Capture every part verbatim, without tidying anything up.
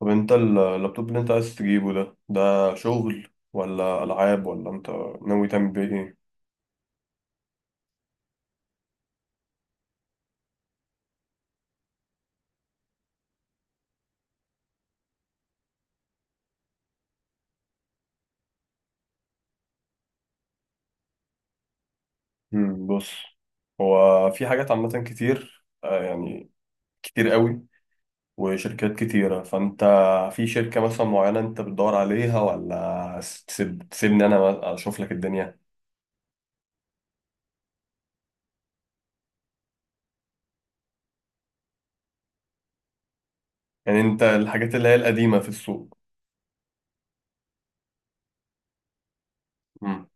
طب انت ال- اللابتوب اللي انت عايز تجيبه ده ده شغل ولا العاب ولا انت ناوي تعمل بيه ايه؟ مم، بص، هو في حاجات عامه كتير آه، يعني كتير قوي وشركات كتيره، فانت في شركه مثلا معينه انت بتدور عليها ولا س- تسيب تسيبني انا اشوف لك الدنيا؟ يعني انت الحاجات اللي هي القديمه في السوق. مم.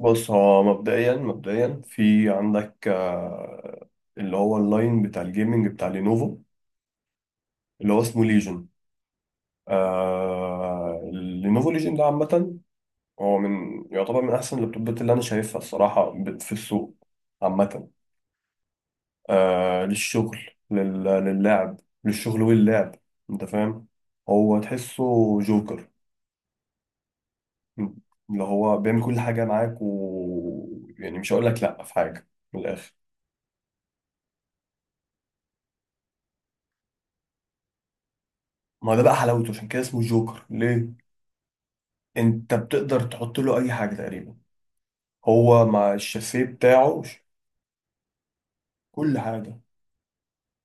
بص، هو مبدئيا مبدئيا في عندك آه، اللي هو اللاين بتاع الجيمنج بتاع لينوفو، اللي هو اسمه ليجن. آه، لينوفو ليجن ده عامة هو من يعتبر من أحسن اللابتوبات اللي أنا شايفها الصراحة ب- في السوق عامة. آه، للشغل، لل... للعب، للشغل واللعب، أنت فاهم. هو تحسه جوكر، اللي هو بيعمل كل حاجة معاك، و، يعني مش هقول لك لأ في حاجة، من الآخر. ما ده بقى حلاوته، عشان كده اسمه جوكر. ليه؟ أنت بتقدر تحط له أي حاجة تقريبا، هو مع الشاسيه بتاعه كل حاجة.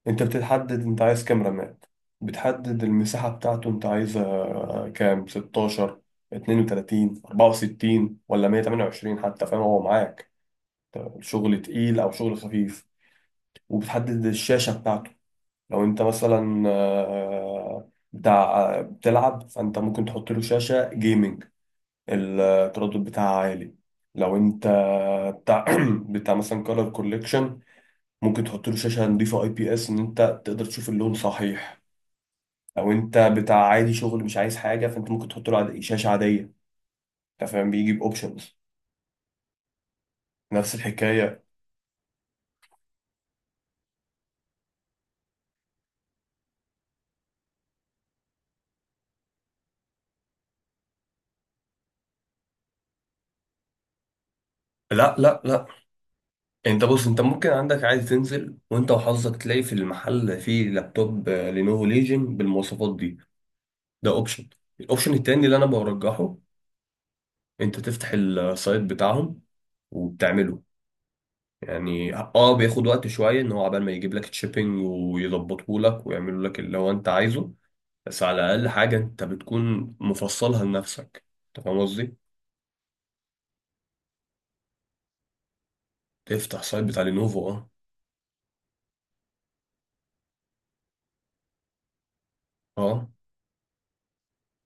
انت بتتحدد انت عايز كام رماد، بتحدد المساحة بتاعته انت عايزها كام، ستاشر، اتنين وتلاتين، اربعه وستين، ولا مائة وثمانية وعشرين حتى، فاهم؟ هو معاك شغل تقيل او شغل خفيف. وبتحدد الشاشة بتاعته، لو انت مثلا آه، بتاع بتلعب فانت ممكن تحط له شاشة جيمنج التردد بتاعها عالي. لو انت بتاع بتاع مثلا كولر كوليكشن، ممكن تحط له شاشة نضيفة اي بي اس ان انت تقدر تشوف اللون صحيح. لو انت بتاع عادي شغل مش عايز حاجه فانت ممكن تحط له عد- شاشه عاديه، انت فاهم، بيجي باوبشنز، نفس الحكايه. لا لا لا، انت بص، انت ممكن عندك عادي تنزل وانت وحظك تلاقي في المحل فيه لابتوب آه، لينوفو ليجن بالمواصفات دي، ده اوبشن. الاوبشن التاني اللي انا برجحه، انت تفتح السايت بتاعهم وبتعمله، يعني اه بياخد وقت شويه ان هو عبال ما يجيب لك الشيبنج ويظبطه لك ويعملوا لك اللي هو انت عايزه، بس على الاقل حاجه انت بتكون مفصلها لنفسك، انت فاهم قصدي. تفتح سايت بتاع لينوفو، اه، اه،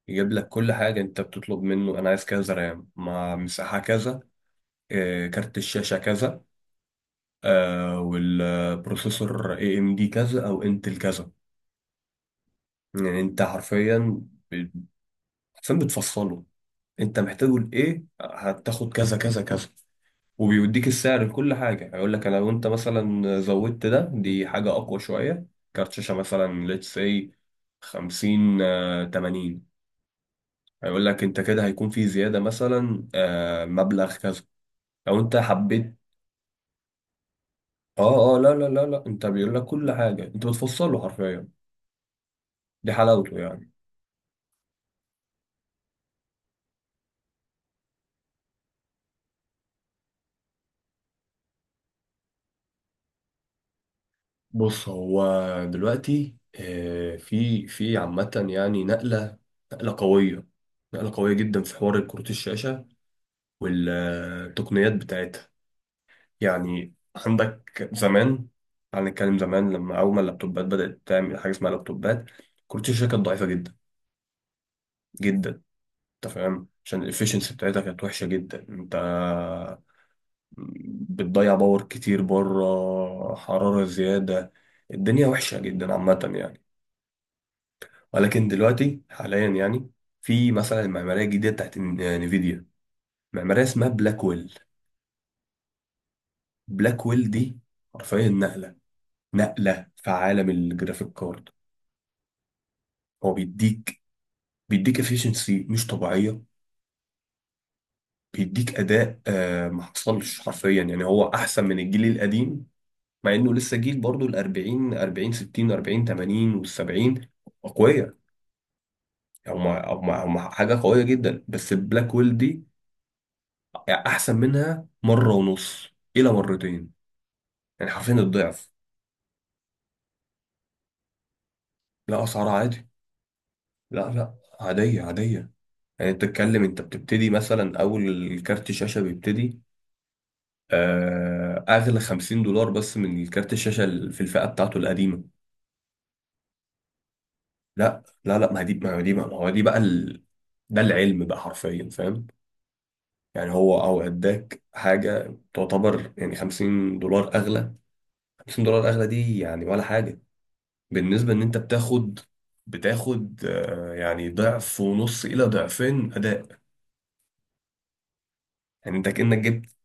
يجيب لك كل حاجه انت بتطلب منه. انا عايز كذا رام مع مساحه كذا، آه، كارت الشاشه كذا، آه، والبروسيسور اي ام دي كذا او انتل كذا. يعني انت حرفيا، ب- حرفيا بتفصله، انت محتاجه لايه، هتاخد كذا كذا كذا، وبيوديك السعر لكل حاجة. هيقول لك لو انت مثلا زودت ده دي حاجة أقوى شوية، كارت شاشة مثلا let's say خمسين آه، تمانين، هيقول لك انت كده هيكون في زيادة مثلا آه، مبلغ كذا لو انت حبيت. اه اه، لا لا لا لا، انت بيقول لك كل حاجة انت بتفصله حرفيا، دي حلاوته يعني. بص، هو دلوقتي آه، في في عامة يعني نقلة، نقلة قوية، نقلة قوية جدا في حوار كروت الشاشة والتقنيات بتاعتها. يعني عندك زمان، تعال نتكلم زمان لما أول ما اللابتوبات بدأت تعمل حاجة اسمها لابتوبات، كنت الشركة كانت ضعيفة جدا جدا، أنت فاهم، عشان الإفشنسي بتاعتها كانت وحشة جدا، أنت بتضيع باور كتير بره، حرارة زيادة، الدنيا وحشة جدا عامة يعني. ولكن دلوقتي حاليا يعني في مثلا المعمارية الجديدة بتاعت ن- نفيديا، معمارية اسمها بلاكويل. بلاكويل دي حرفيا نقلة، نقلة في عالم الجرافيك كارد. هو بيديك، بيديك افيشنسي مش طبيعيه، بيديك اداء آه ما حصلش حرفيا، يعني هو احسن من الجيل القديم مع انه لسه جيل برضه، ال اربعين، اربعين، ستين، اربعين، تمانين، وال سبعين قويه، هم هم هم حاجه قويه جدا، بس البلاك ويل دي احسن منها مره ونص الى مرتين، يعني حرفيا الضعف. لا، اسعار عادي، لا لا، عاديه عاديه. يعني انت بتتكلم، انت بتبتدي مثلا اول كارت شاشه بيبتدي آه، اغلى خمسين دولار بس من كارت الشاشه ال- في الفئه بتاعته القديمه. لا لا لا، ما هي دي ما هي دي ما هو دي بقى ال... ده العلم بقى حرفيا، فاهم. يعني هو او اداك حاجه تعتبر يعني خمسين دولار اغلى، خمسين دولار اغلى دي يعني ولا حاجه بالنسبه ان انت بتاخد، بتاخد آه، يعني ضعف ونص الى ضعفين اداء، يعني انت كانك جبت.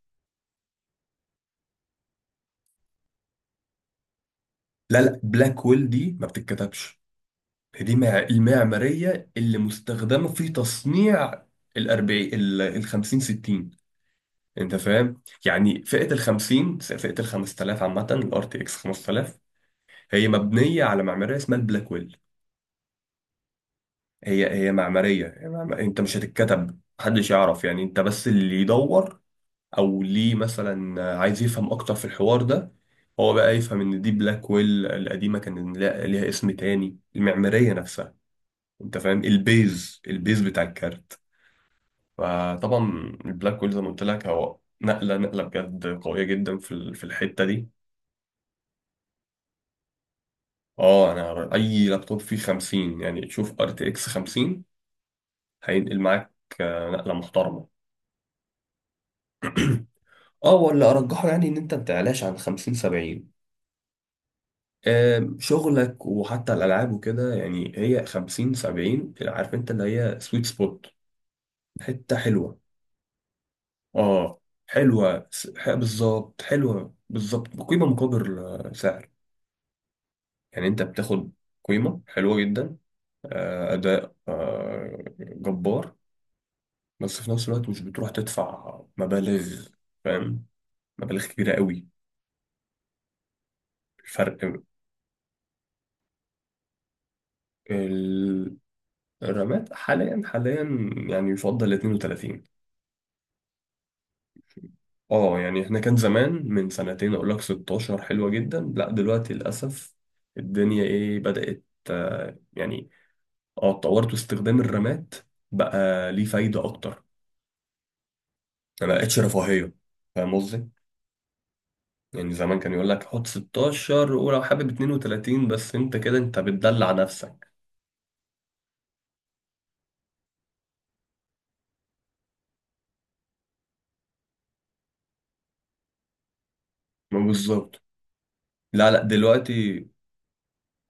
لا لا، بلاك ويل دي ما بتتكتبش، دي مع- المعمارية اللي مستخدمة في تصنيع الأربعين، الخمسين، ستين. أنت فاهم؟ يعني فئة الخمسين، فئة الخمس تلاف عامة، الار تي اكس خمس تلاف، هي مبنية على معمارية اسمها البلاكويل. هي هي معمارية، هي معم- أنت مش هتتكتب، محدش يعرف، يعني أنت بس اللي يدور أو ليه مثلا عايز يفهم أكتر في الحوار ده، هو بقى يفهم إن دي بلاكويل. القديمة كان لا- ليها اسم تاني المعمارية نفسها، أنت فاهم؟ البيز، البيز بتاع الكارت. فطبعا البلاك هول زي ما قلت لك هو نقله، نقله بجد قويه جدا في ال- في الحته دي. اه، انا اي لابتوب فيه خمسين يعني، تشوف ار تي اكس خمسين، هينقل معاك آه، نقله محترمه. اه، ولا ارجحه يعني ان انت ما تعلاش عن خمسين سبعين، آم، شغلك وحتى الالعاب وكده، يعني هي خمسين سبعين عارف انت اللي هي سويت سبوت، حته حلوه. اه، حلوه س- ح- بالظبط، حلوه بالظبط، قيمه مقابل آه، سعر. يعني انت بتاخد قيمة حلوة جدا، آه، أداء آه، جبار، بس في نفس الوقت مش بتروح تدفع مبالغ، فاهم، مبالغ كبيرة قوي الفرق. ال- الرامات حاليا حاليا يعني يفضل اثنين وثلاثين. اه يعني احنا كان زمان من سنتين اقول لك ستاشر حلوة جدا، لا دلوقتي للأسف الدنيا ايه، بدأت آه، يعني اه اتطورت، واستخدام الرامات بقى ليه فايدة أكتر، يعني ما بقتش رفاهية، فاهم قصدي؟ يعني زمان كان يقول لك حط ستاشر، ولو حابب اتنين وتلاتين بس انت كده انت بتدلع نفسك. ما بالظبط. لا لا، دلوقتي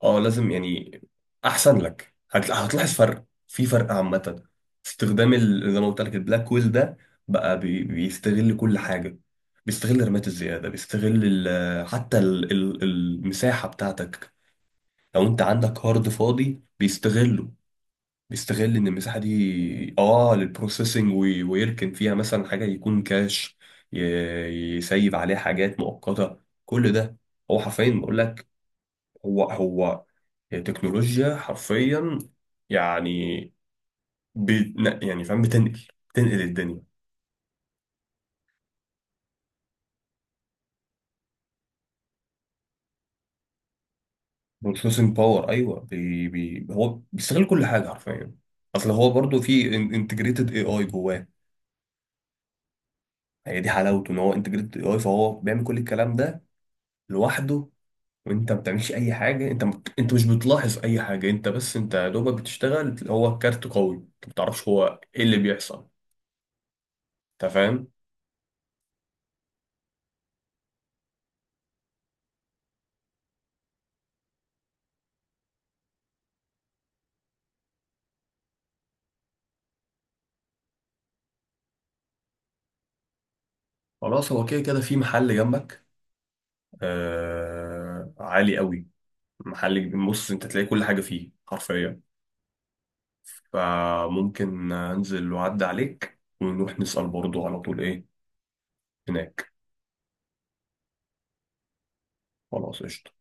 اه لازم يعني احسن لك، هت- هتلاحظ فرق في فرق عامة. استخدام ال- زي ما قلت لك البلاك ويل ده بقى بي- بيستغل كل حاجة، بيستغل رمات الزيادة، بيستغل ال- حتى ال- ال- المساحة بتاعتك، لو انت عندك هارد فاضي بيستغله، بيستغل ان المساحه دي اه للبروسيسنج، وي- ويركن فيها مثلا حاجه يكون كاش، ي- يسيب عليها حاجات مؤقته، كل ده، هو حرفيا بقول لك. هو هو تكنولوجيا حرفيا يعني، بي ن- يعني فاهم بتنقل، بتنقل الدنيا. بروسيسنج باور ايوه، بي بي هو بيستغل كل حاجه حرفيا. اصل هو برضو في انتجريتد اي اي جواه، هي دي حلاوته ان هو انتجريتد اي اي، فهو بيعمل كل الكلام ده لوحده، وانت ما بتعملش اي حاجه، انت مت... انت مش بتلاحظ اي حاجه، انت بس انت يا دوبك بتشتغل، هو الكارت قوي، انت ما بتعرفش هو ايه اللي بيحصل، انت فاهم. خلاص، هو كده كده في محل جنبك، آه... عالي قوي، محل كبير. بص انت تلاقي كل حاجه فيه حرفيا، فممكن انزل واعدي عليك ونروح نسال برضه على طول ايه هناك. خلاص قشطه.